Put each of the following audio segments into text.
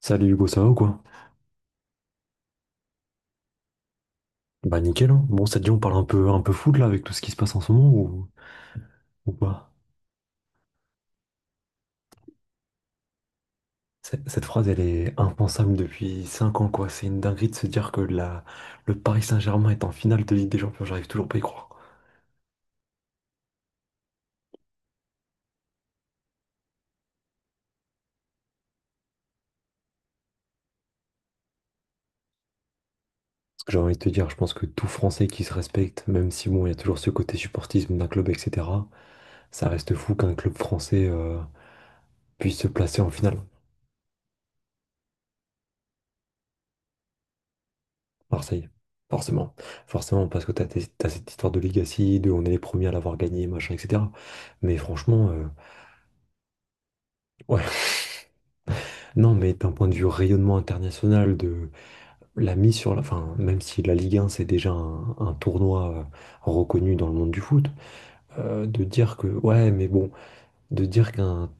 Salut Hugo, ça va ou quoi? Bah nickel, hein. Bon, ça te dit, on parle un peu foot là avec tout ce qui se passe en ce moment ou pas? Cette phrase, elle est impensable depuis 5 ans quoi. C'est une dinguerie de se dire que le Paris Saint-Germain est en finale de Ligue des Champions, j'arrive toujours pas à y croire. Ce que j'ai envie de te dire, je pense que tout Français qui se respecte, même si bon, il y a toujours ce côté supportisme d'un club, etc., ça reste fou qu'un club français puisse se placer en finale. Marseille, forcément. Forcément, parce que t'as cette histoire de Legacy, de on est les premiers à l'avoir gagné, machin, etc. Mais franchement, ouais, non, mais d'un point de vue rayonnement international, de la mise sur la. Enfin, même si la Ligue 1, c'est déjà un tournoi reconnu dans le monde du foot, de dire que. Ouais, mais bon, de dire qu'un.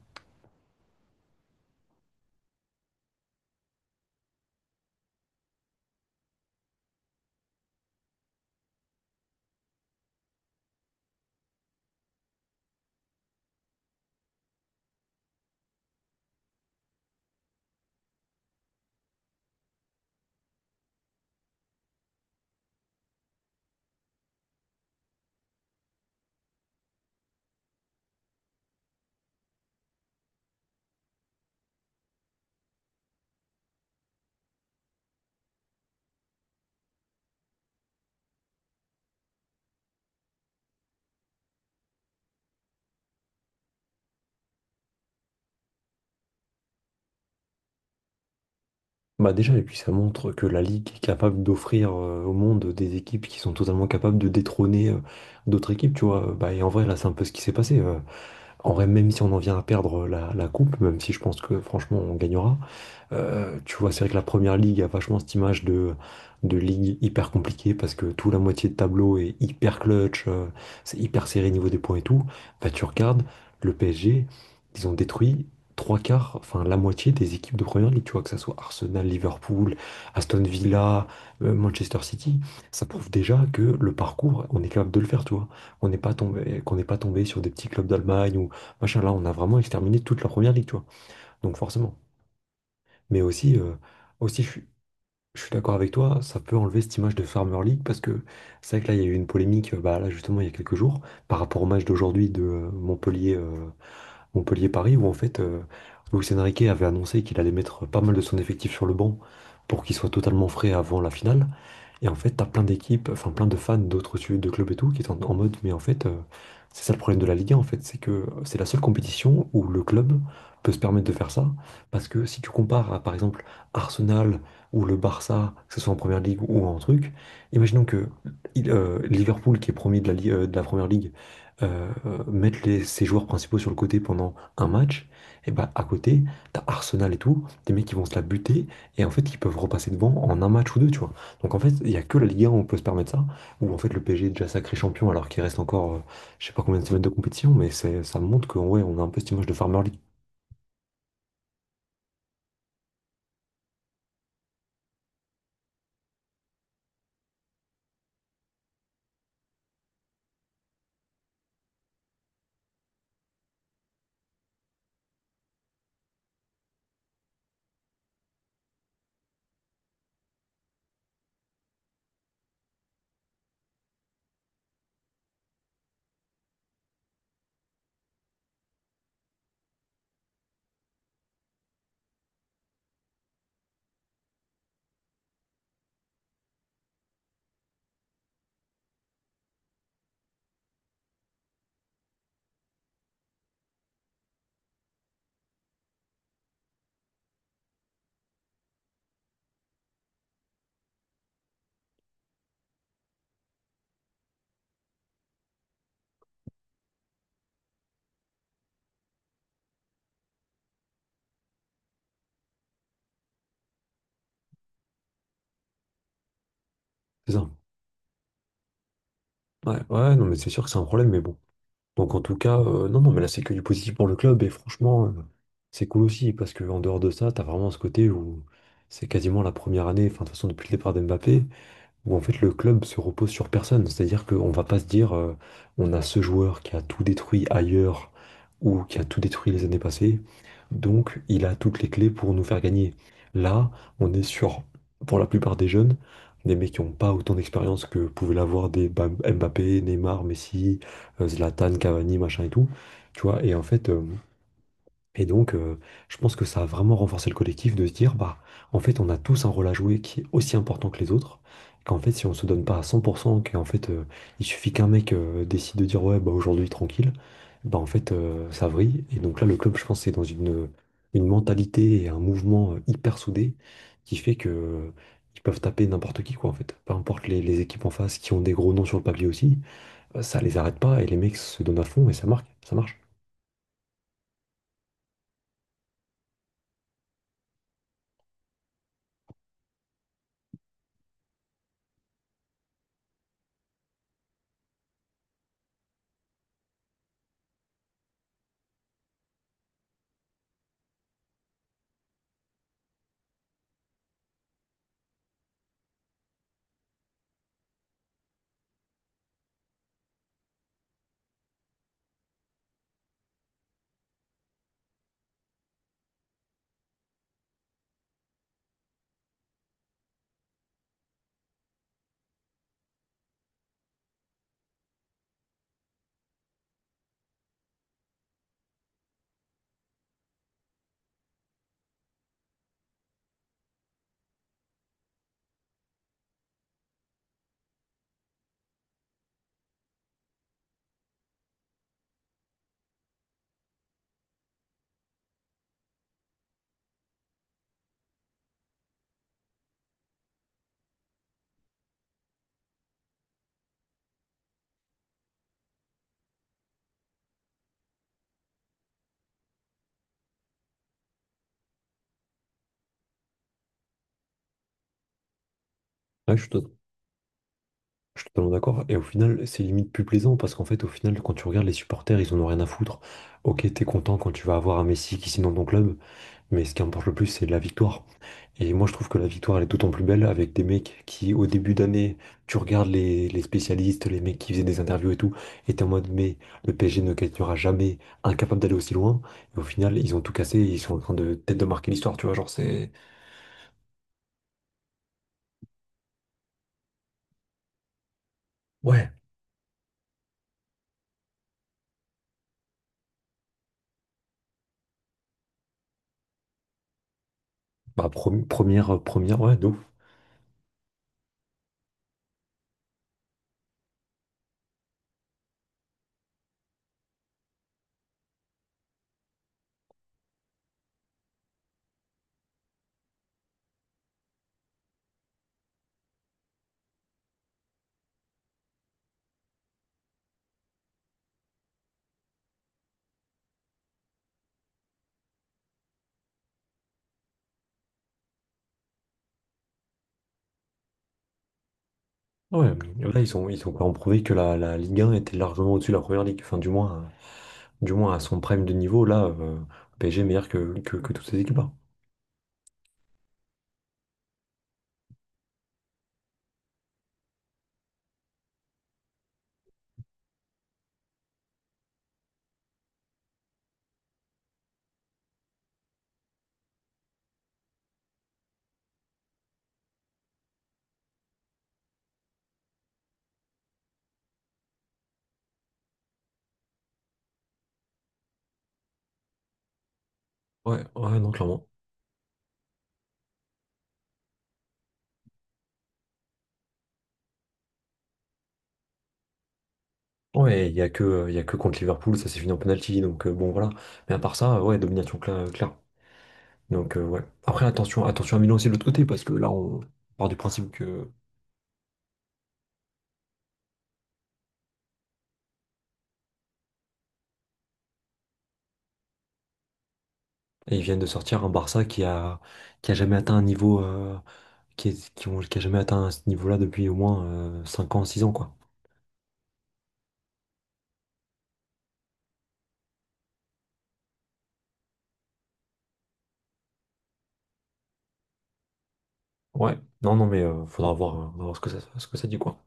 Bah déjà, et puis ça montre que la Ligue est capable d'offrir au monde des équipes qui sont totalement capables de détrôner d'autres équipes, tu vois. Bah, et en vrai, là, c'est un peu ce qui s'est passé. En vrai, même si on en vient à perdre la coupe, même si je pense que franchement on gagnera, tu vois, c'est vrai que la première ligue a vachement cette image de ligue hyper compliquée parce que tout la moitié de tableau est hyper clutch, c'est hyper serré niveau des points et tout. Bah, tu regardes le PSG, ils ont détruit trois quarts, enfin la moitié des équipes de première ligue, tu vois, que ce soit Arsenal, Liverpool, Aston Villa, Manchester City. Ça prouve déjà que le parcours, on est capable de le faire, tu vois. On n'est pas tombé, qu'on n'est pas tombé sur des petits clubs d'Allemagne ou machin. Là, on a vraiment exterminé toute la première ligue, tu vois. Donc, forcément. Mais aussi, je je suis d'accord avec toi, ça peut enlever cette image de Farmer League parce que c'est vrai que là, il y a eu une polémique, bah, là, justement, il y a quelques jours, par rapport au match d'aujourd'hui de Montpellier, Montpellier-Paris, où en fait, Luis Enrique avait annoncé qu'il allait mettre pas mal de son effectif sur le banc pour qu'il soit totalement frais avant la finale. Et en fait, t'as plein d'équipes, enfin plein de fans d'autres de clubs et tout, qui sont en mode, mais en fait, c'est ça le problème de la Ligue 1, en fait, c'est que c'est la seule compétition où le club peut se permettre de faire ça, parce que si tu compares à, par exemple, Arsenal ou le Barça, que ce soit en première ligue ou en truc, imaginons que Liverpool, qui est premier de de la première ligue, ses joueurs principaux sur le côté pendant un match, et bah à côté, t'as Arsenal et tout, des mecs qui vont se la buter, et en fait, ils peuvent repasser devant en un match ou deux, tu vois. Donc en fait, il n'y a que la Ligue 1 où on peut se permettre ça, où en fait le PSG est déjà sacré champion alors qu'il reste encore je sais pas combien de semaines de compétition, mais ça montre que ouais, on a un peu cette image de Farmer League. C'est ça. Ouais, ouais, non mais c'est sûr que c'est un problème, mais bon. Donc en tout cas, non, non, mais là c'est que du positif pour le club et franchement, c'est cool aussi parce que en dehors de ça, t'as vraiment ce côté où c'est quasiment la première année, enfin de toute façon depuis le départ d'Mbappé, où en fait le club se repose sur personne. C'est-à-dire qu'on va pas se dire on a ce joueur qui a tout détruit ailleurs ou qui a tout détruit les années passées, donc il a toutes les clés pour nous faire gagner. Là, on est sur, pour la plupart des jeunes, des mecs qui n'ont pas autant d'expérience que pouvaient l'avoir des Mbappé, Neymar, Messi, Zlatan, Cavani, machin et tout. Tu vois, et en fait, donc, je pense que ça a vraiment renforcé le collectif de se dire, bah, en fait, on a tous un rôle à jouer qui est aussi important que les autres. Qu'en fait, si on se donne pas à 100%, qu'en fait, il suffit qu'un mec décide de dire, ouais, bah, aujourd'hui, tranquille, bah, en fait, ça vrille. Et donc là, le club, je pense, c'est dans une mentalité et un mouvement hyper soudé qui fait que, ils peuvent taper n'importe qui, quoi, en fait. Peu importe les équipes en face qui ont des gros noms sur le papier aussi, ça les arrête pas et les mecs se donnent à fond et ça marche. Ouais, je suis totalement d'accord. Et au final, c'est limite plus plaisant parce qu'en fait, au final, quand tu regardes les supporters, ils en ont rien à foutre. Ok, t'es content quand tu vas avoir un Messi qui signe dans ton club, mais ce qui importe le plus, c'est la victoire. Et moi, je trouve que la victoire, elle est d'autant plus belle avec des mecs qui, au début d'année, tu regardes les spécialistes, les mecs qui faisaient des interviews et tout, et t'es en mode, mais le PSG ne gagnera jamais, incapable d'aller aussi loin. Et au final, ils ont tout cassé, et ils sont en train de peut-être de marquer l'histoire, tu vois. Genre, c'est. Ouais. Bah, première, ouais, de ouf. Ouais, mais là, ils sont pas en prouvé que la Ligue un était largement au-dessus de la première ligue. Enfin, du moins à son prime de niveau, là, le PSG est meilleur que toutes ces équipes là. Ouais, ouais, non, clairement. Ouais, il y a que contre Liverpool, ça s'est fini en penalty, donc bon, voilà. Mais à part ça, ouais, domination claire. Donc, ouais. Après, attention à Milan aussi de l'autre côté, parce que là, on part du principe que Et ils viennent de sortir un Barça qui a jamais atteint un niveau. Qui, est- qui ont- qui a jamais atteint ce niveau-là depuis au moins 5 ans, 6 ans, quoi. Ouais, non, non, mais faudra voir, on va voir ce que ce que ça dit, quoi.